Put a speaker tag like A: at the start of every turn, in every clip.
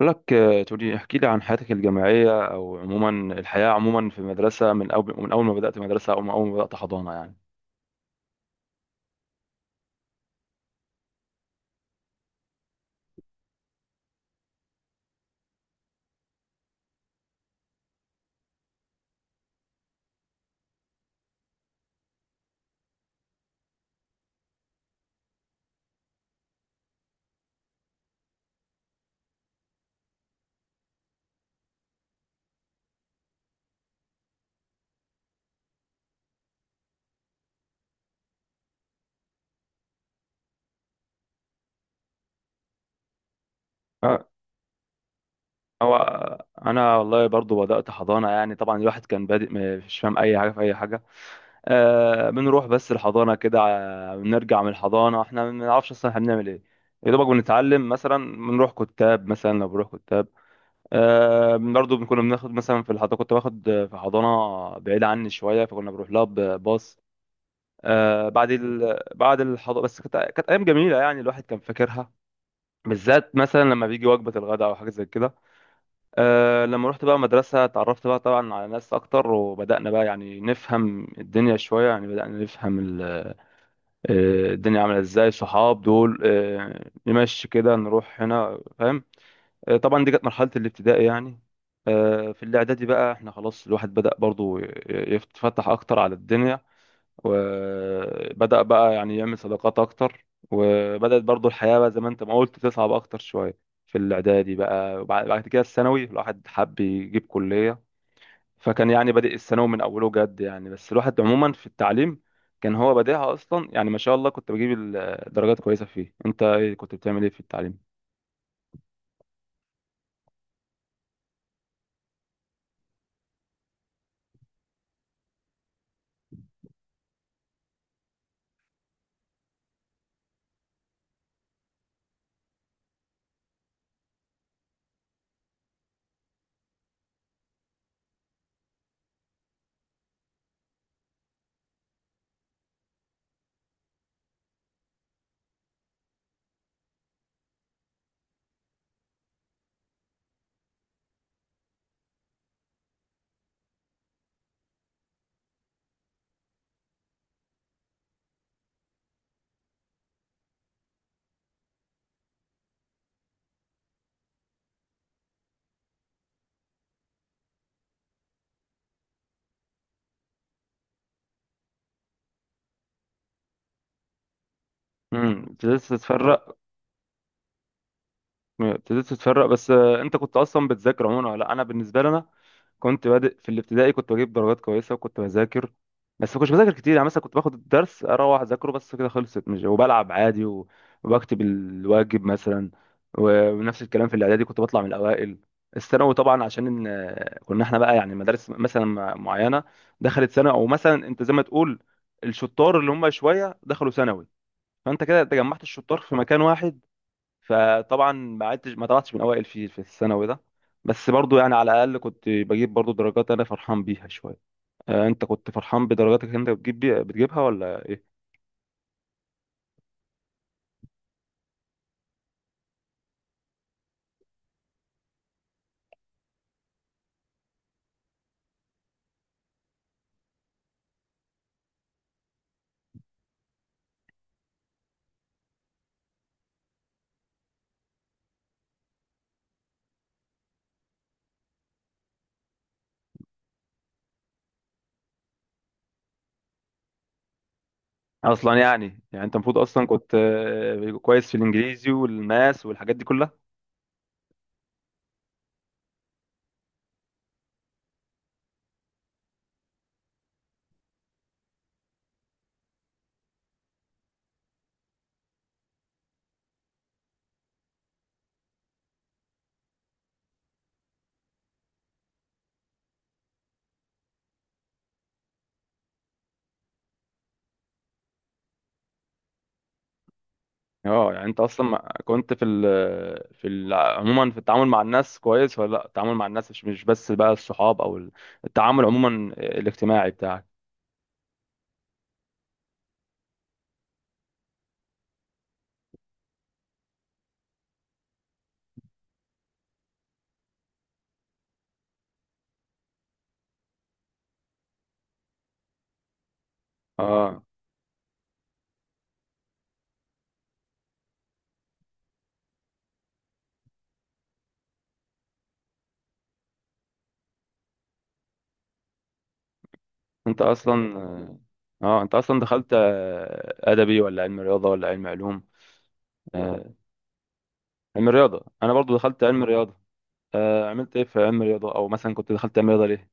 A: بقول لك تقولي احكي لي عن حياتك الجامعية أو عموما الحياة عموما في المدرسة من أول ما بدأت مدرسة أو من أول ما بدأت حضانة يعني. أه. أو أنا والله برضو بدأت حضانة. يعني طبعا الواحد كان بادئ مش فاهم أي حاجة في أي حاجة. بنروح بس الحضانة كده، بنرجع من الحضانة. إحنا ما بنعرفش أصلا إحنا بنعمل إيه. يا دوبك بنتعلم، مثلا بنروح كتاب، مثلا لو بنروح كتاب. برضو كنا بناخد مثلا في الحضانة، كنت باخد في حضانة بعيدة عني شوية، فكنا بنروح لها بباص. بعد الحضور. بس كانت ايام جميله يعني الواحد كان فاكرها، بالذات مثلا لما بيجي وجبه الغداء او حاجه زي كده. لما رحت بقى مدرسه، اتعرفت بقى طبعا على ناس اكتر، وبدانا بقى يعني نفهم الدنيا شويه، يعني بدانا نفهم الدنيا عامله ازاي، صحاب دول، نمشي كده، نروح هنا، فاهم. طبعا دي كانت مرحله الابتدائي يعني. في الاعدادي بقى احنا خلاص الواحد بدا برضو يتفتح اكتر على الدنيا، وبدأ بقى يعني يعمل صداقات أكتر، وبدأت برضو الحياة بقى زي ما أنت ما قلت تصعب أكتر شوية في الإعدادي بقى. وبعد كده الثانوي الواحد حب يجيب كلية، فكان يعني بادئ الثانوي من أوله جد يعني، بس الواحد عموما في التعليم كان هو بادئها أصلا يعني. ما شاء الله كنت بجيب درجات كويسة فيه. أنت إيه كنت بتعمل إيه في التعليم؟ ابتديت تتفرق. ابتديت تتفرق بس. انت كنت اصلا بتذاكر عموما ولا لا؟ انا بالنسبه لنا كنت بادئ في الابتدائي، كنت بجيب درجات كويسه وكنت بذاكر، بس ما كنتش بذاكر كتير يعني. مثلا كنت باخد الدرس اروح اذاكره بس كده خلصت، مش وبلعب عادي وبكتب الواجب مثلا، ونفس الكلام في الاعدادي كنت بطلع من الاوائل. الثانوي طبعا عشان كنا احنا بقى يعني مدارس مثلا معينه، دخلت ثانوي، او مثلا انت زي ما تقول الشطار اللي هم شويه دخلوا ثانوي، فانت كده تجمعت الشطار في مكان واحد. فطبعا ما طلعتش من اوائل في الثانوي ده، بس برضو يعني على الاقل كنت بجيب برضو درجات انا فرحان بيها شويه. انت كنت فرحان بدرجاتك، انت بتجيب، بتجيبها ولا ايه؟ اصلا يعني انت المفروض اصلا كنت كويس في الانجليزي والماس والحاجات دي كلها. اه يعني انت اصلا كنت في ال عموما في التعامل مع الناس كويس ولا لا؟ التعامل مع الناس، مش بس بقى الصحاب او التعامل عموما الاجتماعي بتاعك. اه انت اصلا اه انت اصلا دخلت ادبي ولا علم رياضه ولا علم علوم؟ آه، علم رياضه. انا برضو دخلت علم رياضه. عملت ايه في علم رياضه؟ او مثلا كنت دخلت علم رياضه ليه؟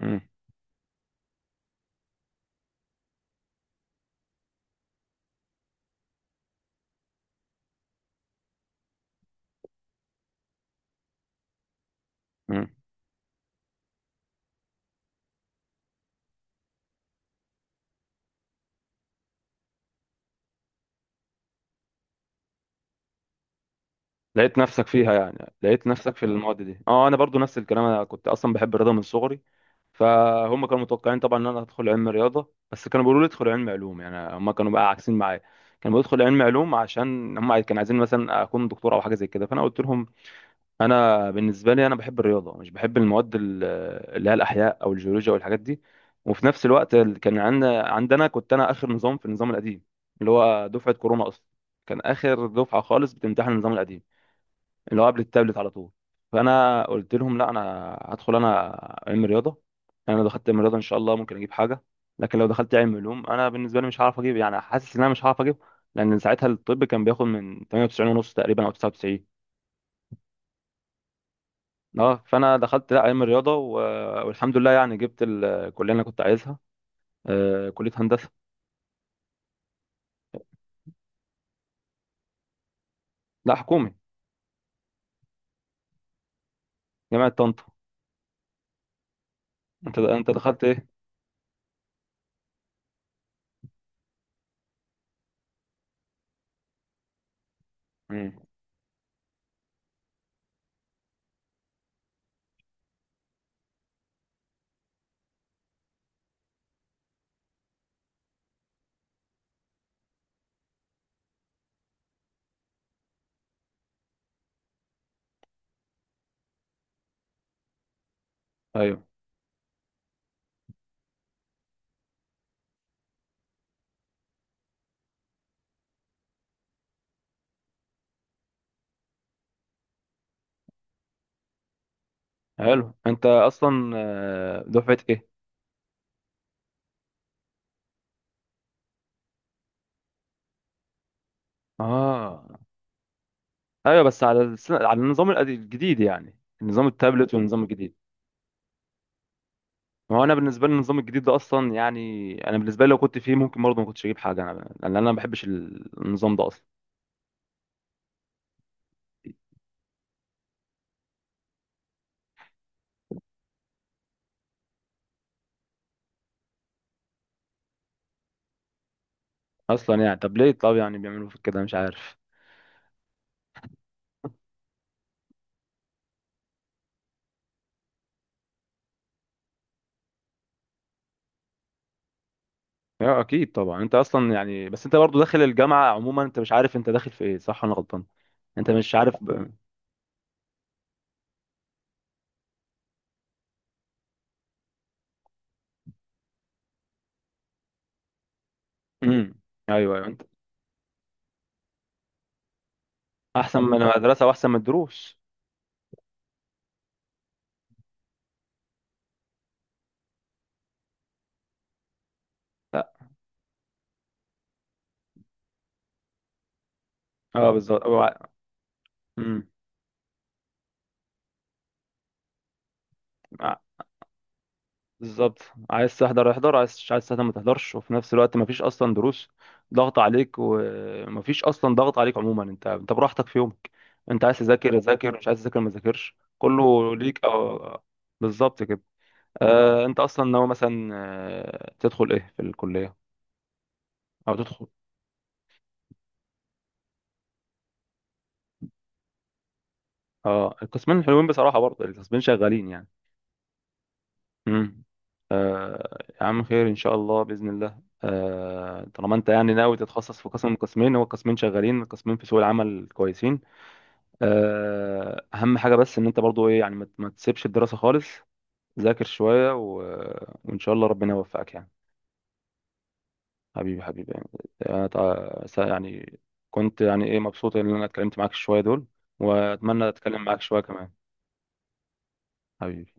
A: مم. مم. لقيت نفسك فيها، يعني لقيت نفسك في المواد دي. اه انا برضو نفس الكلام، انا كنت اصلا بحب الرياضه من صغري، فهم كانوا متوقعين طبعا ان انا هدخل علم رياضه. بس كانوا بيقولوا لي ادخل علم علوم، يعني هم كانوا بقى عاكسين معايا، كانوا بيدخل علم علوم عشان هم كانوا عايزين مثلا اكون دكتور او حاجه زي كده. فانا قلت لهم انا بالنسبه لي انا بحب الرياضه، مش بحب المواد اللي هي الاحياء او الجيولوجيا والحاجات دي. وفي نفس الوقت كان عندنا كنت انا اخر نظام في النظام القديم، اللي هو دفعه كورونا اصلا. كان اخر دفعه خالص بتمتحن النظام القديم، اللي هو قبل التابلت على طول. فانا قلت لهم لا، انا هدخل انا علم رياضه. يعني انا لو دخلت علم رياضه ان شاء الله ممكن اجيب حاجه، لكن لو دخلت علم علوم انا بالنسبه لي مش هعرف اجيب، يعني حاسس ان انا مش هعرف اجيب، لان ساعتها الطب كان بياخد من 98 ونص تقريبا او 99. اه فانا دخلت، لا علم الرياضه والحمد لله يعني جبت الكليه اللي انا كنت عايزها، كليه هندسه. لا، حكومي. جامعه طنطا. انت دخلت ايه؟ مم. ايوه، حلو. انت اصلا دفعه ايه؟ اه، ايوه، بس على النظام الجديد يعني، النظام التابلت والنظام الجديد. ما هو انا بالنسبه لي النظام الجديد ده اصلا يعني، انا بالنسبه لي لو كنت فيه ممكن برضه ما كنتش اجيب حاجه انا، لان انا ما بحبش النظام ده اصلا. اصلا يعني طب ليه؟ طب يعني بيعملوا في كده، مش عارف. اه، اكيد طبعا. انت اصلا يعني، بس انت برضو داخل الجامعه عموما، انت مش عارف انت داخل في ايه، صح ولا غلطان؟ انت مش عارف امم. ايوه، ايوه. انت احسن من المدرسه واحسن من الدروس. لا، اه، بالظبط، امم. ع- بالظبط. عايز تحضر احضر، مش عايز تحضر ما تحضرش. وفي نفس الوقت مفيش اصلا دروس ضغط عليك، ومفيش اصلا ضغط عليك عموما. انت براحتك في يومك، انت عايز تذاكر ذاكر، مش عايز تذاكر ما تذاكرش، كله ليك او بالظبط كده. انت اصلا ناوي مثلا تدخل ايه في الكليه، او تدخل؟ اه، القسمين حلوين بصراحه، برضه القسمين شغالين يعني. امم. يا عم خير ان شاء الله باذن الله. طالما انت يعني ناوي تتخصص في قسم من القسمين، هو قسمين شغالين، قسمين في سوق العمل كويسين. اهم حاجه بس ان انت برضه ايه يعني ما تسيبش الدراسه خالص. ذاكر شويه وان شاء الله ربنا يوفقك يعني. حبيبي حبيبي يعني. يعني كنت يعني ايه مبسوط ان انا اتكلمت معاك شوية دول، واتمنى اتكلم معاك شوية كمان. حبيبي.